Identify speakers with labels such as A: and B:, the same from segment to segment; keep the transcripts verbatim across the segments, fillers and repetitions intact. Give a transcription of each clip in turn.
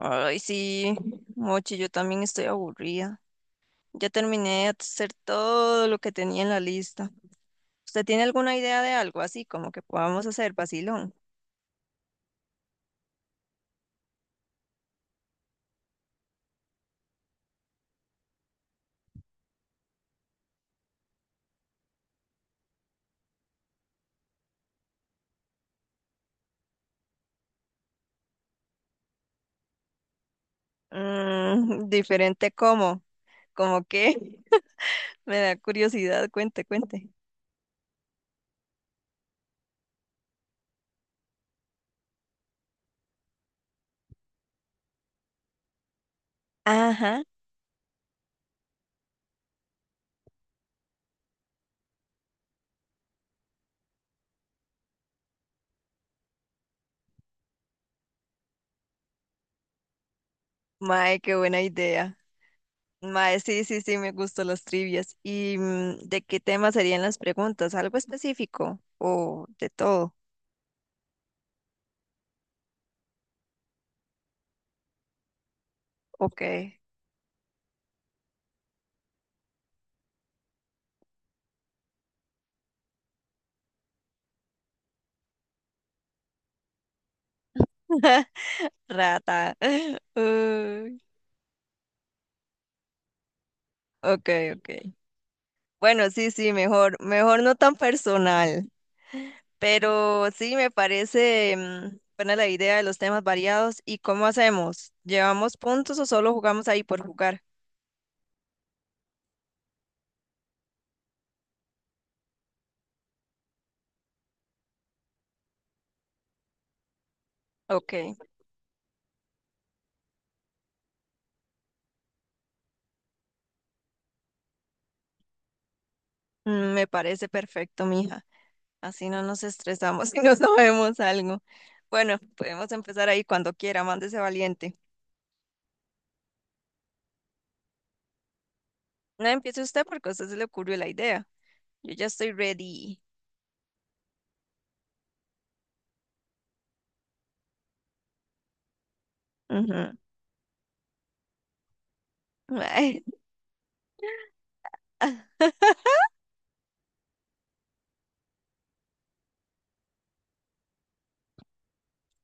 A: Ay, sí, Mochi, yo también estoy aburrida. Ya terminé de hacer todo lo que tenía en la lista. ¿Usted tiene alguna idea de algo así como que podamos hacer, vacilón? Mm, diferente cómo, como que me da curiosidad, cuente, cuente. Ajá, mae, qué buena idea. Mae, sí, sí, sí, me gustan las trivias. ¿Y mm, de qué tema serían las preguntas? ¿Algo específico o de todo? Ok. Rata. Uy. Ok, ok. Bueno, sí, sí, mejor, mejor no tan personal, pero sí me parece mm, buena la idea de los temas variados. ¿Y cómo hacemos? ¿Llevamos puntos o solo jugamos ahí por jugar? Ok, mm, me parece perfecto, mija. Así no nos estresamos y no sabemos algo. Bueno, podemos empezar ahí cuando quiera, mándese valiente. No empiece usted porque a usted se le ocurrió la idea. Yo ya estoy ready. Ujú. Ay, ah,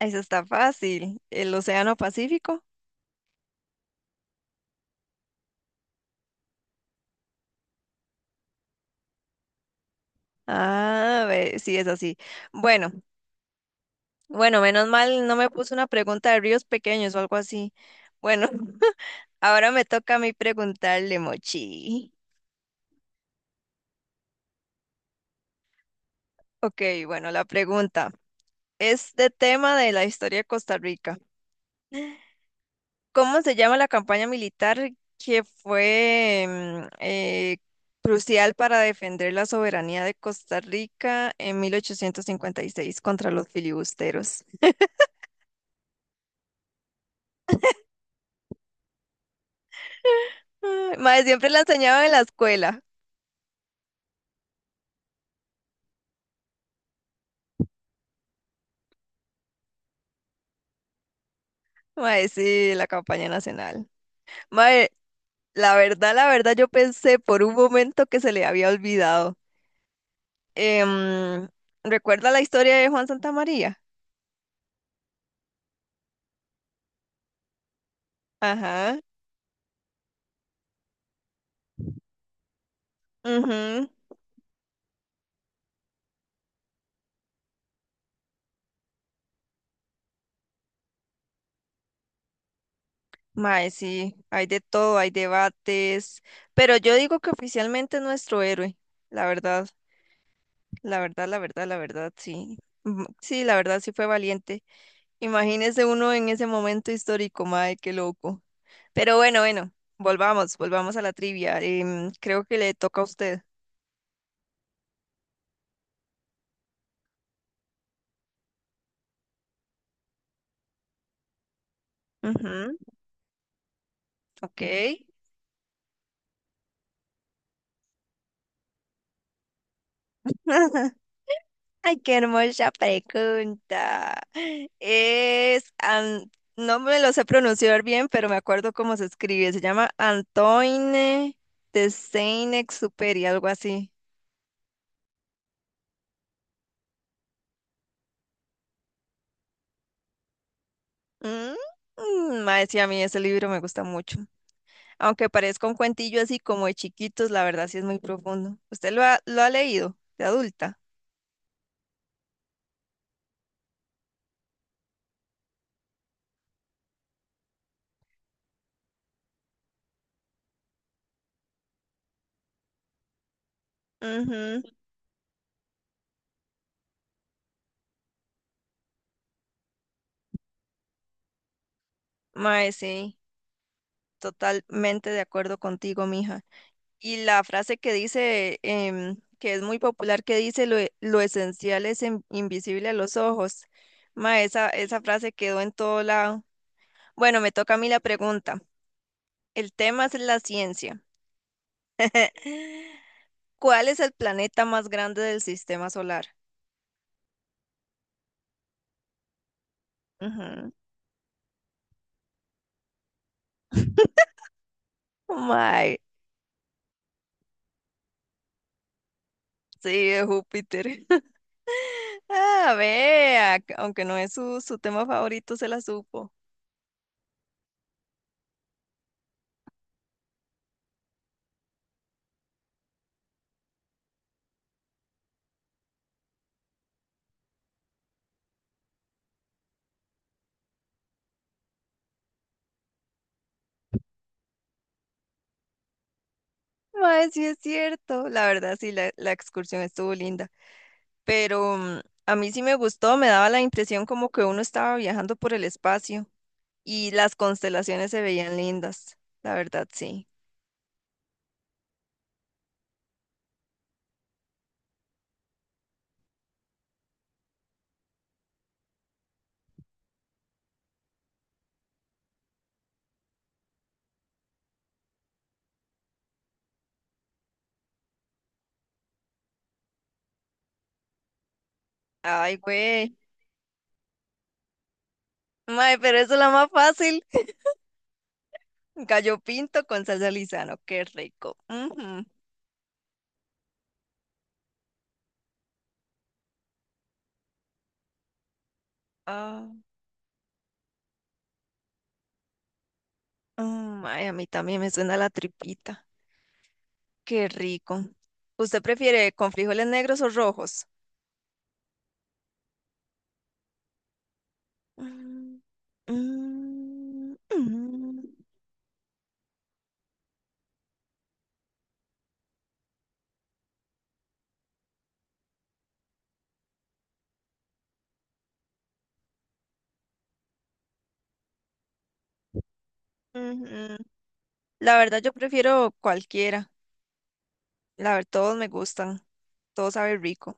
A: eso está fácil. ¿El Océano Pacífico? Ah, ve, sí, es así. Bueno, bueno, menos mal no me puso una pregunta de ríos pequeños o algo así. Bueno, ahora me toca a mí preguntarle, Mochi. Ok, bueno, la pregunta es de tema de la historia de Costa Rica. ¿Cómo se llama la campaña militar que fue mm, eh, crucial para defender la soberanía de Costa Rica en mil ochocientos cincuenta y seis contra los filibusteros? Ay, Mae, siempre la enseñaban en la escuela. Mae, sí, la campaña nacional. Mae, la verdad, la verdad, yo pensé por un momento que se le había olvidado. Em, ¿Recuerda la historia de Juan Santamaría? Ajá. Mhm. Mae, sí, hay de todo, hay debates, pero yo digo que oficialmente es nuestro héroe. La verdad, la verdad, la verdad, la verdad, sí. Mm, sí, la verdad, sí fue valiente. Imagínese uno en ese momento histórico, mae, qué loco. Pero bueno, bueno, volvamos, volvamos a la trivia. Em, creo que le toca a usted. Ujú, ok. Ay, qué hermosa pregunta. Es, an- no me lo sé pronunciar bien, pero me acuerdo cómo se escribe. Se llama Antoine de Saint-Exupéry, algo así. Mm, mm, Mae, sí, a mí ese libro me gusta mucho. Aunque parezca un cuentillo así como de chiquitos, la verdad sí es muy profundo. ¿Usted lo ha, lo ha leído de adulta? Ujú. Mae, sí, totalmente de acuerdo contigo, mija. Y la frase que dice, em, que es muy popular, que dice lo, e- lo esencial es in- invisible a los ojos. Ma, esa, esa frase quedó en todo lado. Bueno, me toca a mí la pregunta. El tema es la ciencia. ¿Cuál es el planeta más grande del sistema solar? Ujú. Mae, sí, es Júpiter. Ah, vea, que aunque no es su, su tema favorito, se la supo. Mae, sí es cierto. La verdad, sí, la, la excursión estuvo linda. Pero mm, a mí sí me gustó, me daba la impresión como que uno estaba viajando por el espacio y las constelaciones se veían lindas, la verdad sí. Ay, güey. Mae, pero eso es la más fácil. Gallo pinto con salsa Lizano, qué rico. Ujú. Ah, mm, ay, a mí también me suena la tripita, qué rico. ¿Usted prefiere con frijoles negros o rojos? Mm, mm, mm, mm, Ujú. La verdad yo prefiero cualquiera. La verdad, todos me gustan, todos saben rico.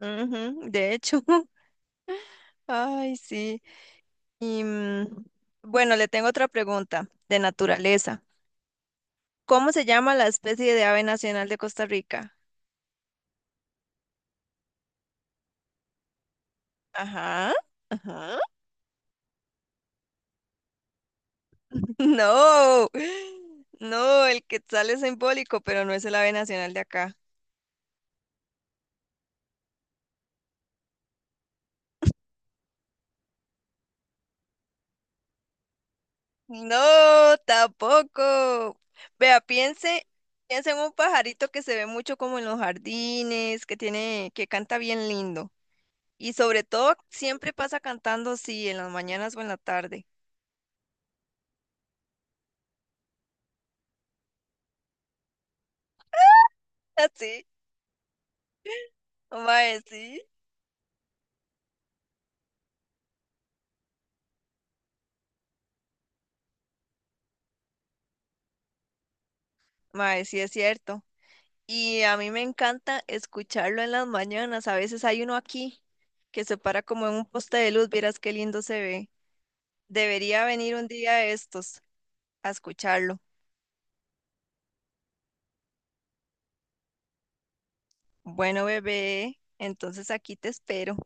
A: Ujú, de hecho, ay, sí. Y mm, bueno, le tengo otra pregunta de naturaleza. ¿Cómo se llama la especie de ave nacional de Costa Rica? Ajá, ajá. No, no, el quetzal es simbólico, pero no es el ave nacional de acá. No, tampoco. Vea, piense, piense en un pajarito que se ve mucho como en los jardines, que tiene, que canta bien lindo. Y sobre todo, siempre pasa cantando, sí, en las mañanas o en la tarde. Sí, mae, sí. Mae, sí es cierto. Y a mí me encanta escucharlo en las mañanas. A veces hay uno aquí que se para como en un poste de luz. Vieras qué lindo se ve. Debería venir un día de estos a escucharlo. Bueno, bebé, entonces aquí te espero.